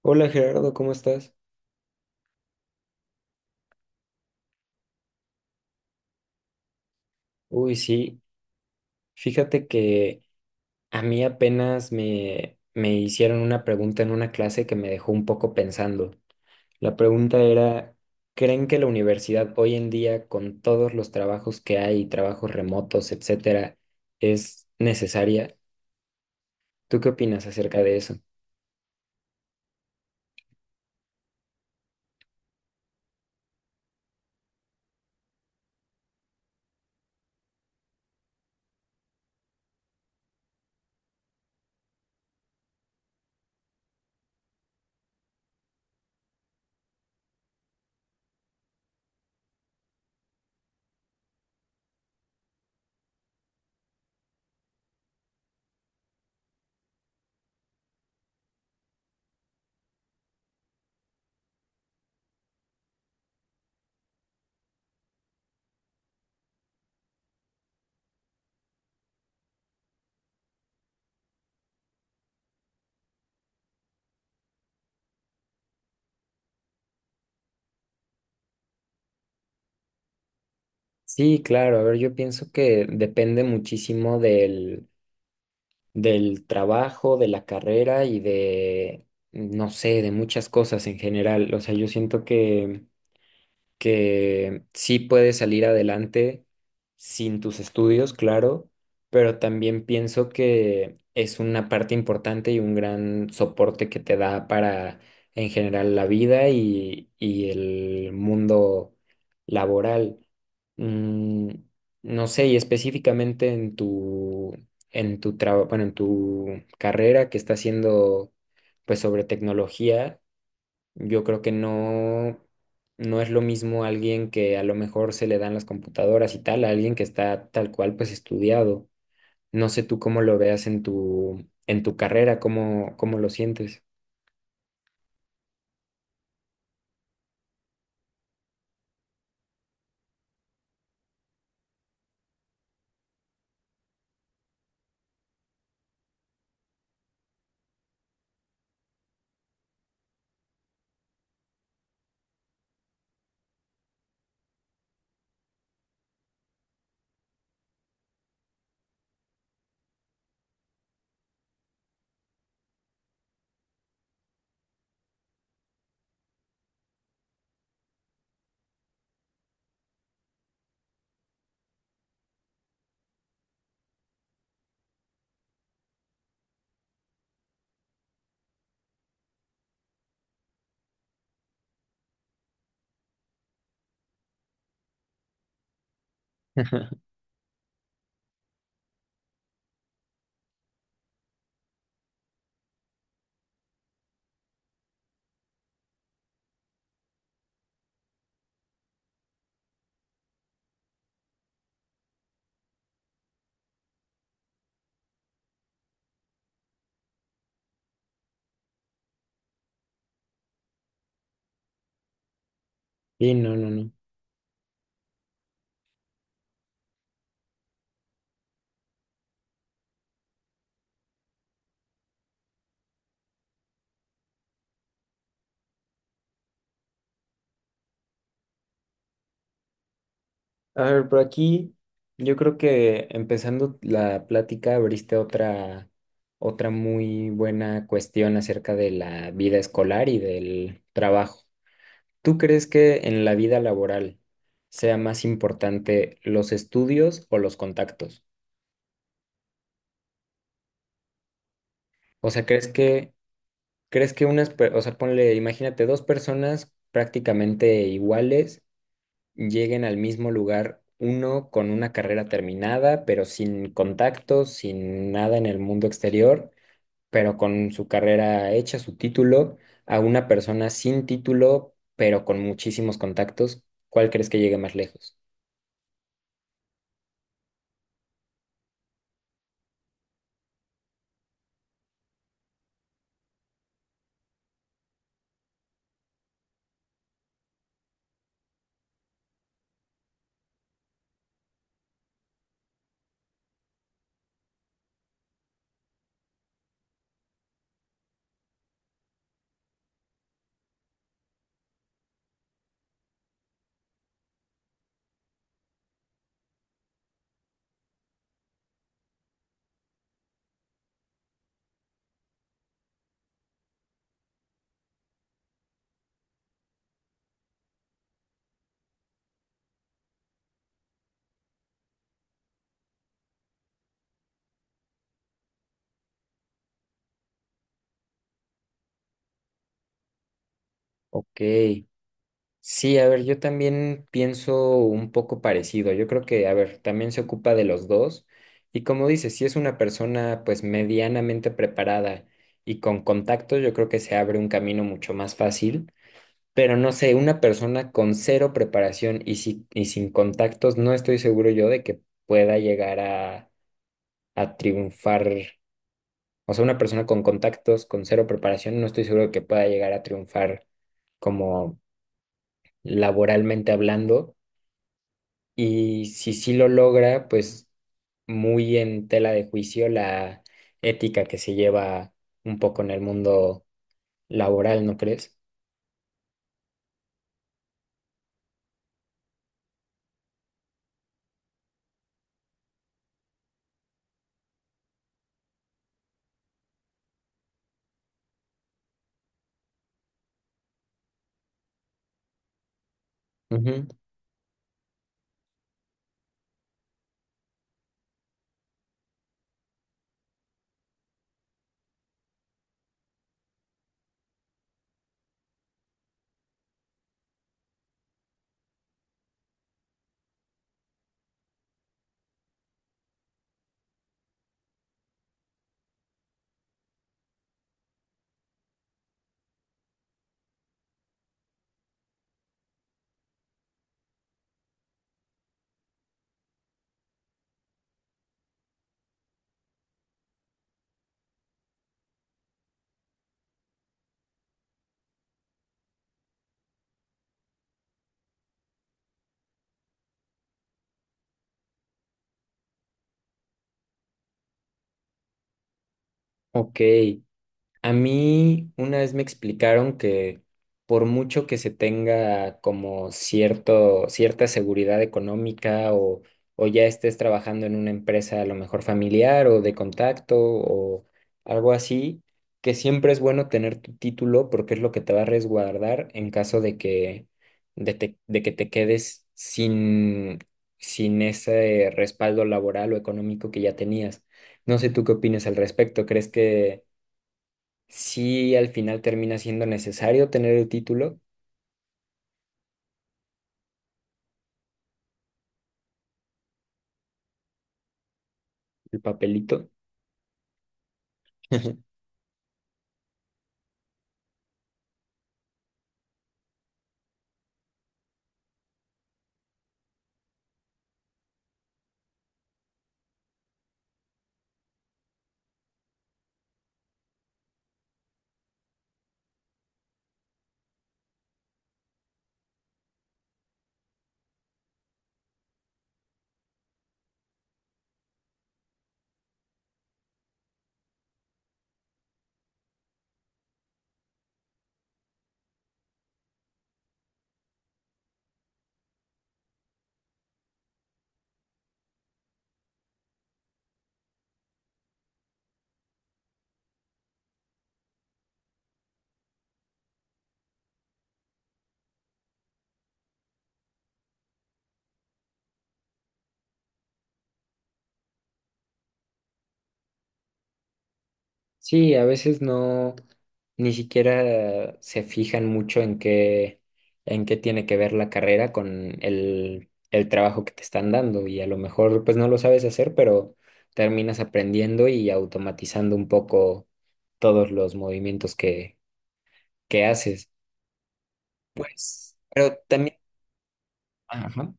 Hola Gerardo, ¿cómo estás? Uy, sí, fíjate que a mí apenas me hicieron una pregunta en una clase que me dejó un poco pensando. La pregunta era, ¿creen que la universidad hoy en día, con todos los trabajos que hay, trabajos remotos, etcétera, es necesaria? ¿Tú qué opinas acerca de eso? Sí, claro, a ver, yo pienso que depende muchísimo del trabajo, de la carrera y de, no sé, de muchas cosas en general. O sea, yo siento que sí puedes salir adelante sin tus estudios, claro, pero también pienso que es una parte importante y un gran soporte que te da para, en general, la vida y el mundo laboral. Mm, no sé, y específicamente en en tu trabajo, bueno, en tu carrera que está haciendo, pues, sobre tecnología yo creo que no es lo mismo alguien que a lo mejor se le dan las computadoras y tal, a alguien que está tal cual pues estudiado. No sé tú cómo lo veas en en tu carrera, cómo lo sientes. Sí, no, no, no. A ver, por aquí yo creo que empezando la plática abriste otra muy buena cuestión acerca de la vida escolar y del trabajo. ¿Tú crees que en la vida laboral sea más importante los estudios o los contactos? O sea, ¿crees crees que unas, per- o sea, ponle, imagínate, dos personas prácticamente iguales lleguen al mismo lugar, uno con una carrera terminada, pero sin contactos, sin nada en el mundo exterior, pero con su carrera hecha, su título, a una persona sin título, pero con muchísimos contactos? ¿Cuál crees que llegue más lejos? Ok. Sí, a ver, yo también pienso un poco parecido. Yo creo que, a ver, también se ocupa de los dos. Y como dices, si es una persona pues medianamente preparada y con contactos, yo creo que se abre un camino mucho más fácil. Pero no sé, una persona con cero preparación y, si- y sin contactos, no estoy seguro yo de que pueda llegar a triunfar. O sea, una persona con contactos, con cero preparación, no estoy seguro de que pueda llegar a triunfar como laboralmente hablando. Y si sí lo logra, pues muy en tela de juicio la ética que se lleva un poco en el mundo laboral, ¿no crees? Ujú. Ok. A mí una vez me explicaron que por mucho que se tenga como cierta seguridad económica o ya estés trabajando en una empresa a lo mejor familiar o de contacto o algo así, que siempre es bueno tener tu título porque es lo que te va a resguardar en caso de que, de te- de que te quedes sin, sin ese respaldo laboral o económico que ya tenías. No sé tú qué opinas al respecto. ¿Crees que sí, al final termina siendo necesario tener el título, el papelito? Sí, a veces no, ni siquiera se fijan mucho en qué tiene que ver la carrera con el trabajo que te están dando y a lo mejor pues no lo sabes hacer, pero terminas aprendiendo y automatizando un poco todos los movimientos que haces. Pues, pero también... Ajá.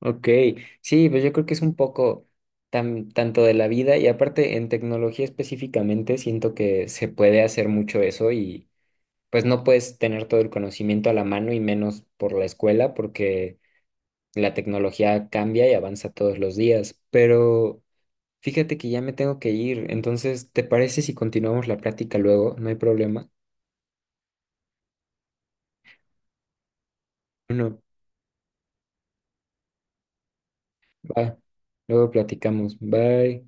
Ok, sí, pues yo creo que es un poco tanto de la vida y aparte en tecnología específicamente siento que se puede hacer mucho eso y pues no puedes tener todo el conocimiento a la mano y menos por la escuela porque la tecnología cambia y avanza todos los días. Pero fíjate que ya me tengo que ir, entonces ¿te parece si continuamos la plática luego? No hay problema. Bueno, va, luego platicamos. Bye.